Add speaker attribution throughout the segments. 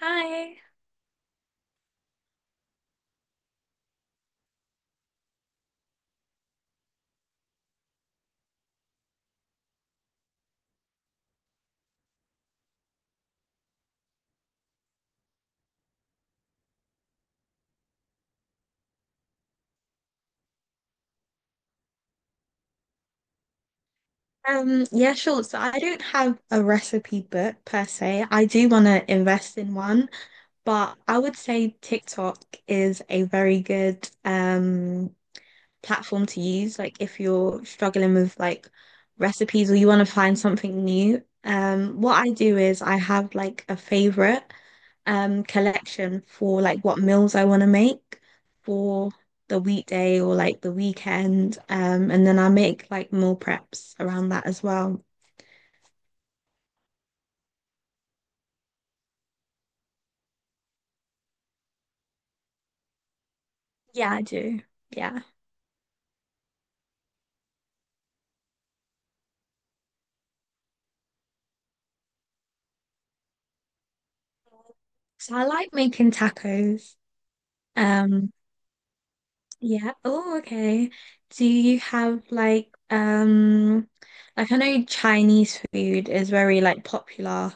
Speaker 1: Hi. Yeah, sure. So I don't have a recipe book per se. I do want to invest in one, but I would say TikTok is a very good platform to use. Like if like recipe, Like a favorite collect for for the weekday or like the weekend. And then I make like meal preps around that as well. Yeah, I do. Yeah. So I like making tacos. Um, Yeah. Oh, okay. Do you have like I know Chinese food is very like popular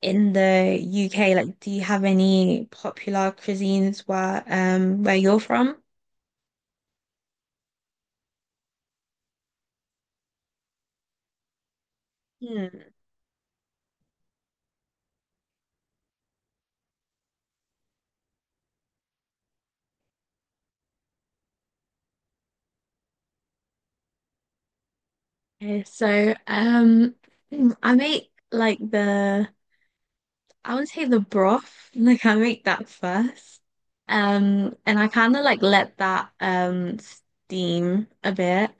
Speaker 1: in the UK. Like, do you have any popular cuisines where you're from? Hmm. Okay, so I make like the I would say the broth. Like I make that first. And I kind of like let that steam a bit.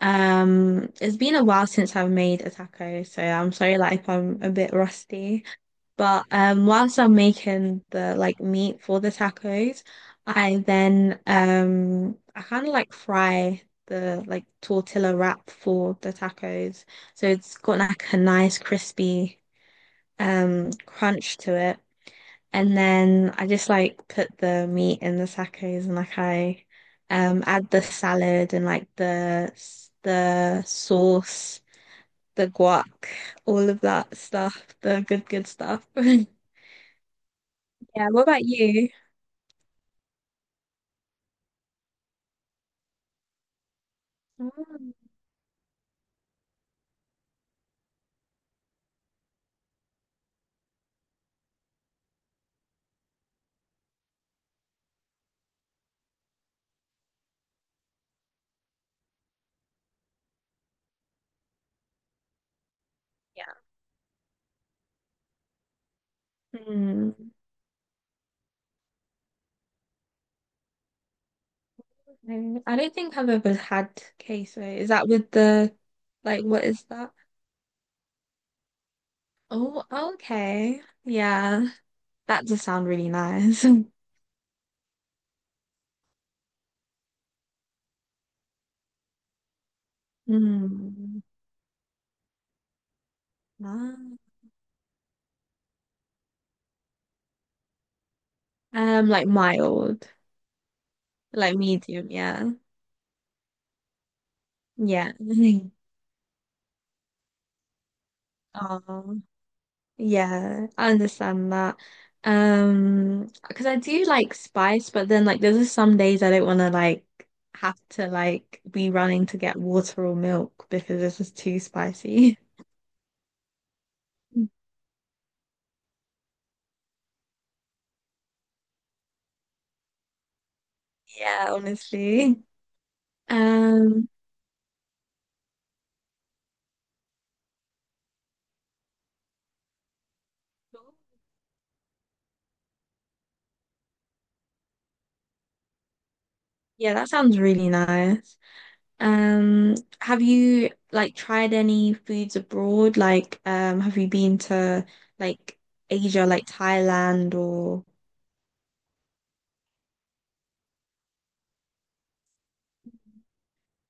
Speaker 1: It's been a while since I've made a taco, so I'm sorry like if I'm a bit rusty. But whilst I'm making the like meat for the tacos, I then I kind of like fry the like tortilla wrap for the tacos. So it's got like a nice crispy crunch to it. And then I just like put the meat in the tacos and like I add the salad and like the sauce, the guac, all of that stuff, the good good stuff. Yeah, what about you? Mm, yeah. Hmm. Mm, I don't think I've ever had queso. Is that with the what is that? Oh, okay. Yeah. That does sound really nice. Mm, nice. Like mild. Like medium, yeah. Yeah. Oh, yeah, I understand that. Because I do like spice, but then like there's just some days I don't want to like have to like be running to get water or milk because it's just too spicy. Yeah, honestly. Um, yeah, that sounds really nice. Um, have you like tried any foods abroad? Like, have you been to like Asia, like Thailand or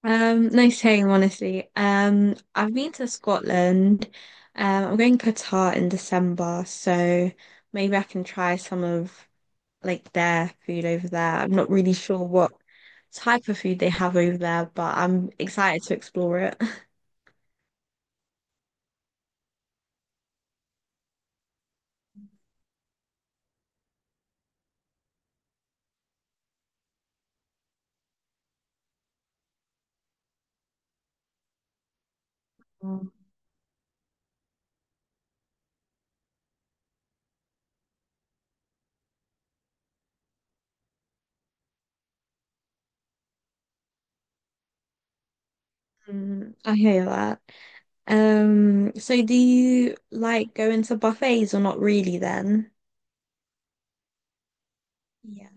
Speaker 1: no shame, honestly. I've been to Scotland. I'm going Qatar in December, so maybe I can try some of like their food over there. I'm not really sure what type of food they have over there, but I'm excited to explore it. Mm. Mm, I hear that. So do you like going to buffets or not really then? Yeah.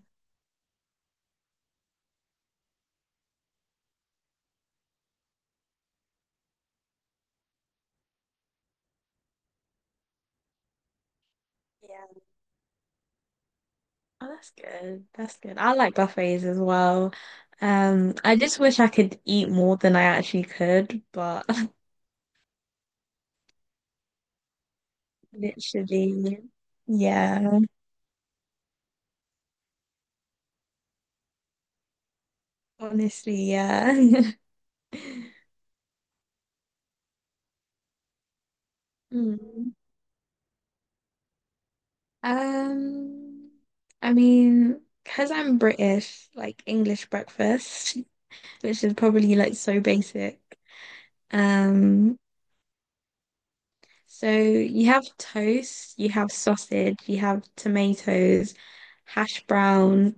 Speaker 1: Yeah. Oh, that's good. That's good. I like buffets as well. I just wish I could eat more than I actually could, but literally, yeah. Honestly, yeah. Mm. Um, I mean, because I'm British, like English breakfast, which is probably like so basic. Um, So you have toast, you have sausage, you have tomatoes, hash brown,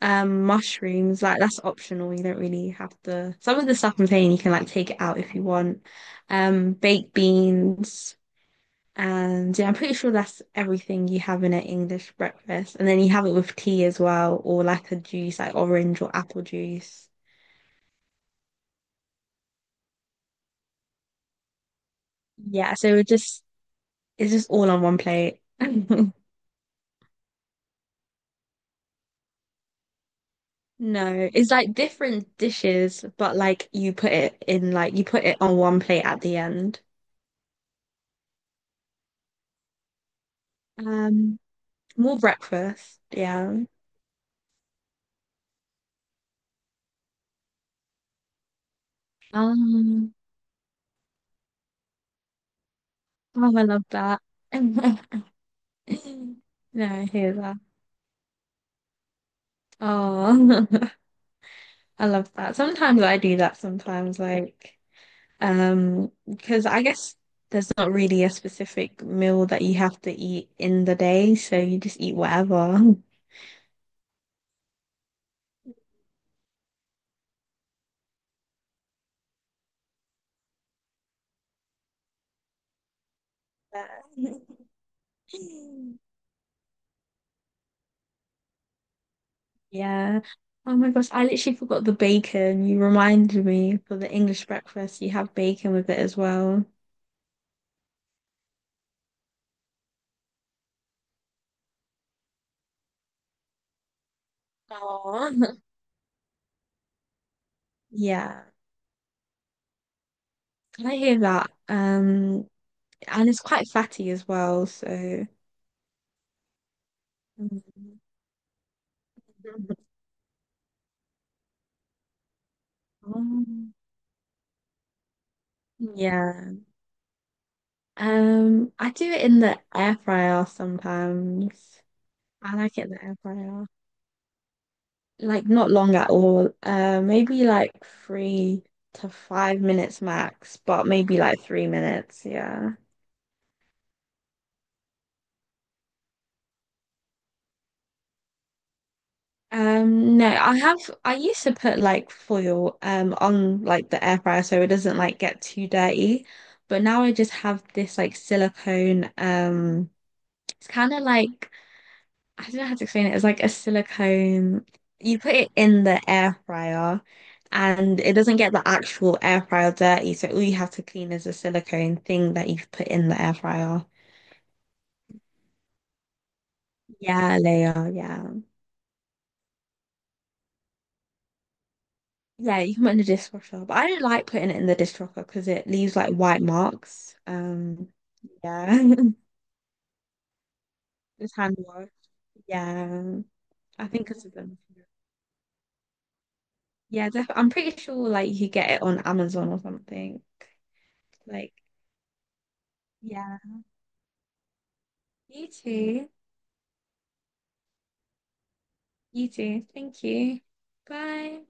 Speaker 1: mushrooms. Like that's optional. You don't really have to. Some of the stuff I'm saying you can like take it out if you want. Baked beans, and yeah, I'm pretty sure that's everything you have in an English breakfast. And then you have it with tea as well, or like a juice, like orange or apple juice. Yeah, so it just it's just all on one plate. No, it's like different dishes, but like you put it in like you put it on one plate at the end. Um, More breakfast, yeah. Um, oh, I love that. No, I hear that. Oh, I love that. Sometimes I do that sometimes, like, because I guess there's not really a specific meal that you have to eat in the day, so you just eat whatever. Yeah. Yeah. Oh my gosh, I literally forgot the bacon. You reminded me for the English breakfast, you have bacon with it as well. Oh. Yeah. Can I hear that? And it's quite fatty as well, so Mm. Um, yeah. I do it in the air fryer sometimes. I like it in the air fryer. Like not long at all. Maybe like 3 to 5 minutes max, but maybe like 3 minutes. Yeah. No, I have. I used to put like foil on like the air fryer so it doesn't like get too dirty, but now I just have this like silicone. It's kind of like I don't know how to explain it. It's like a silicone. You put it in the air fryer and it doesn't get the actual air fryer dirty. So all you have to clean is the silicone thing that you've put in the air fryer. Yeah, layer. Yeah. Yeah, you can put it in the dishwasher. But I don't like putting it in the dishwasher because it leaves like white marks. Yeah. It's hand wash. Yeah. I think it's a them. Yeah, def I'm pretty sure like you get it on Amazon or something. Like, yeah. You too. You too. Thank you. Bye.